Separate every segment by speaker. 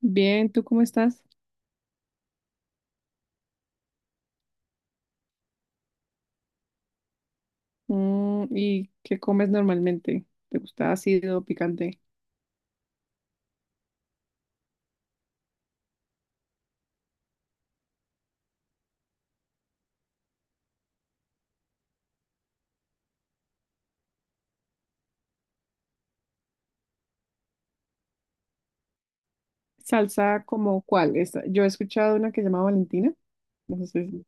Speaker 1: Bien, ¿tú cómo estás? Mm, ¿y qué comes normalmente? ¿Te gusta ácido, picante? ¿Salsa como cuál? Yo he escuchado una que se llama Valentina. No sé si-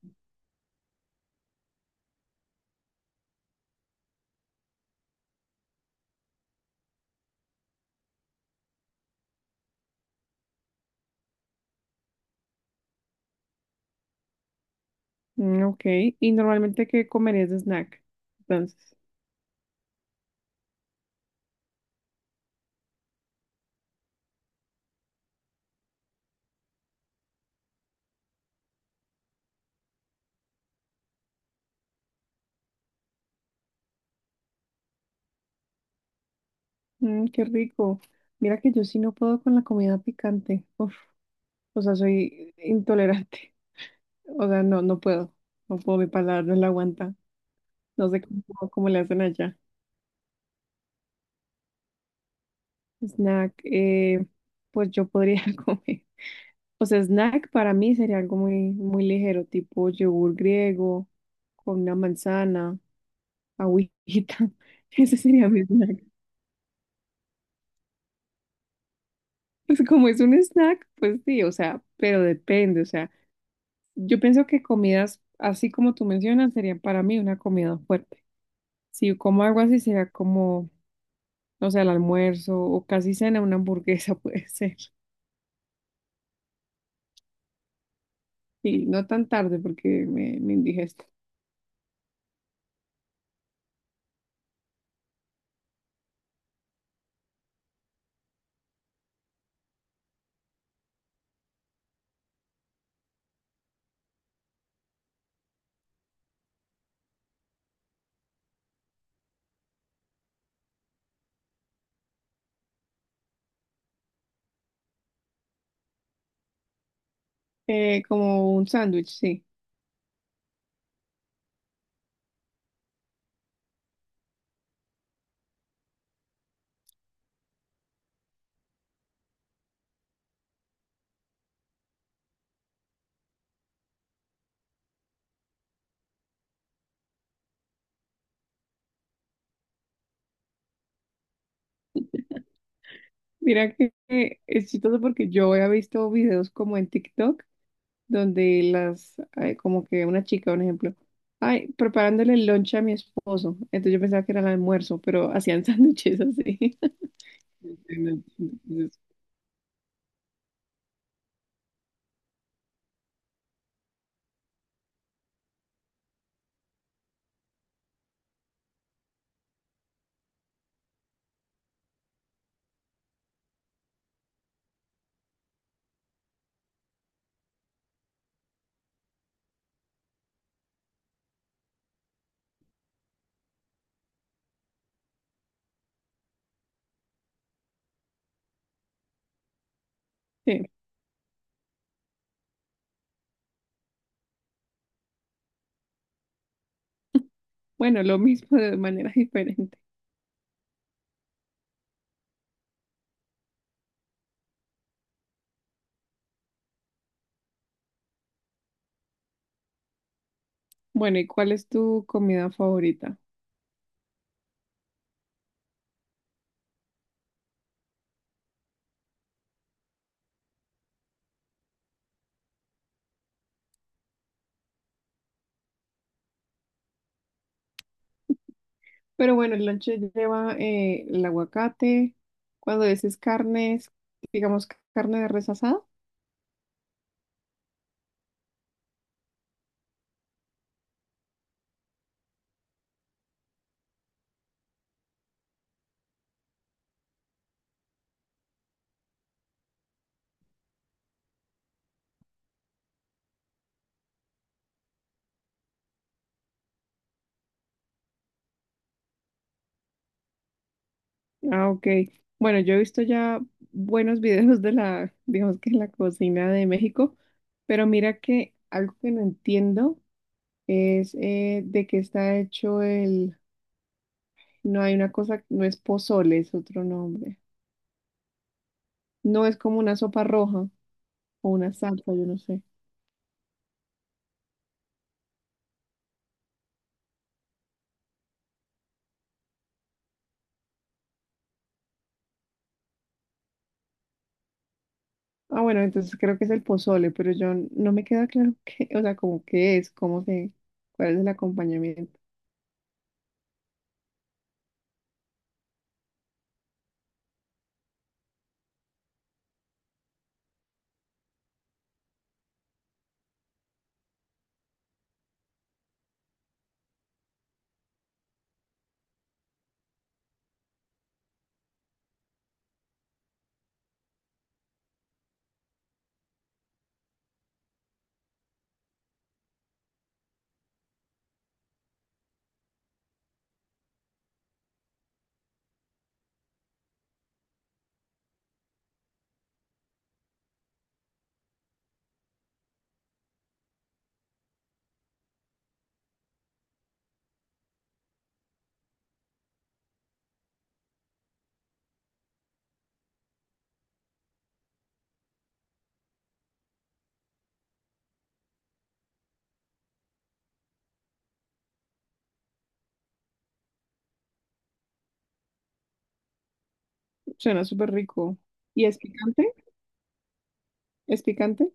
Speaker 1: Mm, ok, ¿y normalmente qué comerías de snack? Entonces, mm, qué rico. Mira que yo sí no puedo con la comida picante. Uf, o sea, soy intolerante. O sea, no, no puedo. No puedo, mi paladar no la aguanta. No sé cómo, cómo le hacen allá. Snack, pues yo podría comer. O sea, snack para mí sería algo muy, muy ligero, tipo yogur griego con una manzana, agüita. Ese sería mi snack. Pues como es un snack, pues sí, o sea, pero depende, o sea, yo pienso que comidas, así como tú mencionas, serían para mí una comida fuerte. Si yo como algo así, sería como, o sea, el almuerzo o casi cena, una hamburguesa puede ser. Y no tan tarde porque me indigesto. Como un sándwich, sí. Mira que es chistoso porque yo he visto videos como en TikTok donde las, ay, como que una chica, un ejemplo, ay, preparándole el lunch a mi esposo. Entonces yo pensaba que era el almuerzo, pero hacían sándwiches así. Entonces, sí. Bueno, lo mismo de manera diferente. Bueno, ¿y cuál es tu comida favorita? Pero bueno, el lonche lleva el aguacate, cuando dices carnes, digamos carne de res asada. Ah, ok. Bueno, yo he visto ya buenos videos de la, digamos que la cocina de México, pero mira que algo que no entiendo es de qué está hecho el, no hay una cosa, no es pozole, es otro nombre. No es como una sopa roja o una salsa, yo no sé. Ah, bueno, entonces creo que es el pozole, pero yo no me queda claro qué, o sea, como qué es, cómo se, cuál es el acompañamiento. Suena súper rico. ¿Y es picante? ¿Es picante?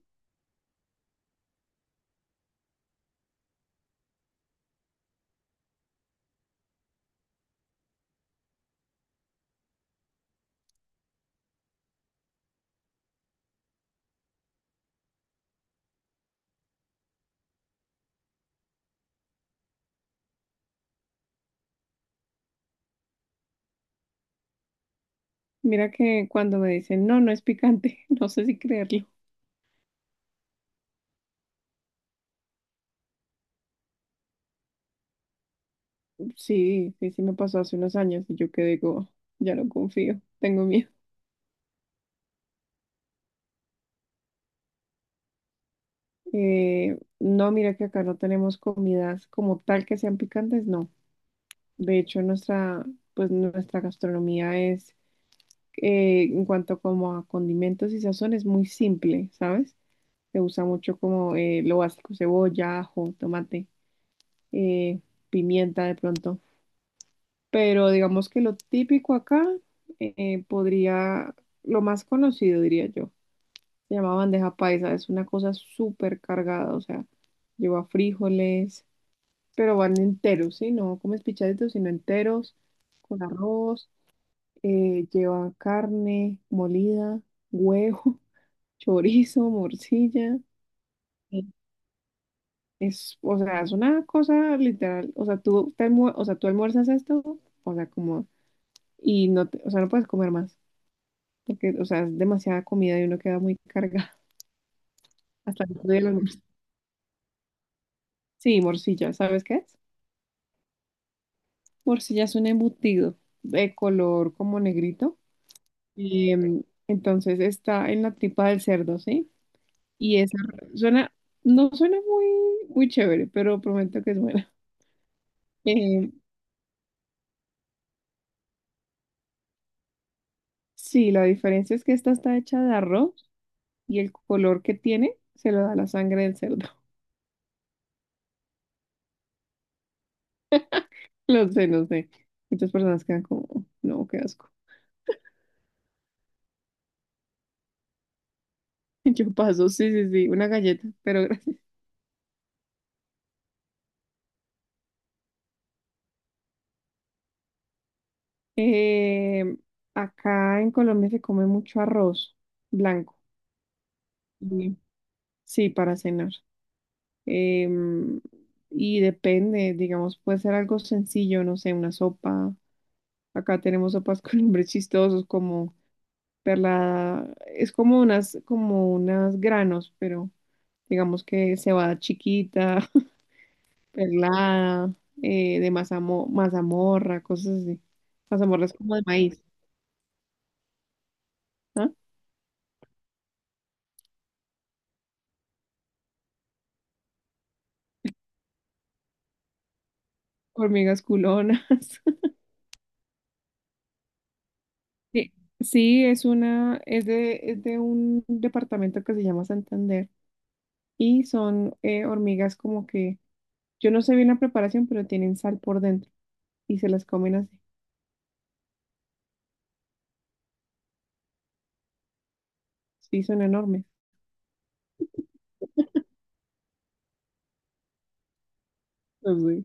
Speaker 1: Mira que cuando me dicen, no, no es picante, no sé si creerlo. Sí, sí, sí me pasó hace unos años y yo que digo ya no confío, tengo miedo. No, mira que acá no tenemos comidas como tal que sean picantes, no. De hecho, nuestra, pues nuestra gastronomía es, en cuanto como a condimentos y sazón, es muy simple, ¿sabes? Se usa mucho como lo básico, cebolla, ajo, tomate, eh, pimienta de pronto. Pero digamos que lo típico acá podría, lo más conocido diría yo, se llama bandeja paisa, es una cosa súper cargada, o sea, lleva frijoles, pero van enteros, ¿sí? No comes pichaditos, sino enteros, con arroz, lleva carne molida, huevo, chorizo, morcilla. eh, Es, o sea, es una cosa literal, o sea, tú, o sea, tú almuerzas esto, o sea, como, y no, o sea, no puedes comer más. Porque, o sea, es demasiada comida y uno queda muy cargado hasta el otro día del almuerzo. Sí, morcilla, ¿sabes qué es? Morcilla es un embutido de color como negrito. Em, entonces está en la tripa del cerdo, ¿sí? Y esa suena, no suena muy, muy chévere, pero prometo que es buena. Em, sí, la diferencia es que esta está hecha de arroz y el color que tiene se lo da la sangre del cerdo. Lo sé, no sé. Muchas personas quedan como, no, qué asco. Yo paso, sí, sí, sí, una galleta, pero Eh, acá en Colombia se come mucho arroz blanco. Mm. Sí, para cenar. Em, y depende, digamos, puede ser algo sencillo, no sé, una sopa. Acá tenemos sopas con nombres chistosos como perla, es como unas granos, pero digamos que cebada chiquita, perlada, mazamorra, cosas así. Mazamorra es como de maíz, ¿ah? Hormigas culonas. Sí, sí, es una, es de un departamento que se llama Santander y son hormigas como que, yo no sé bien la preparación, pero tienen sal por dentro y se las comen así. Sí, son enormes. No sé.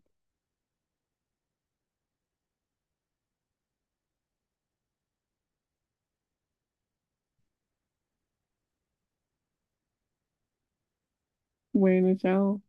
Speaker 1: Bueno, chao.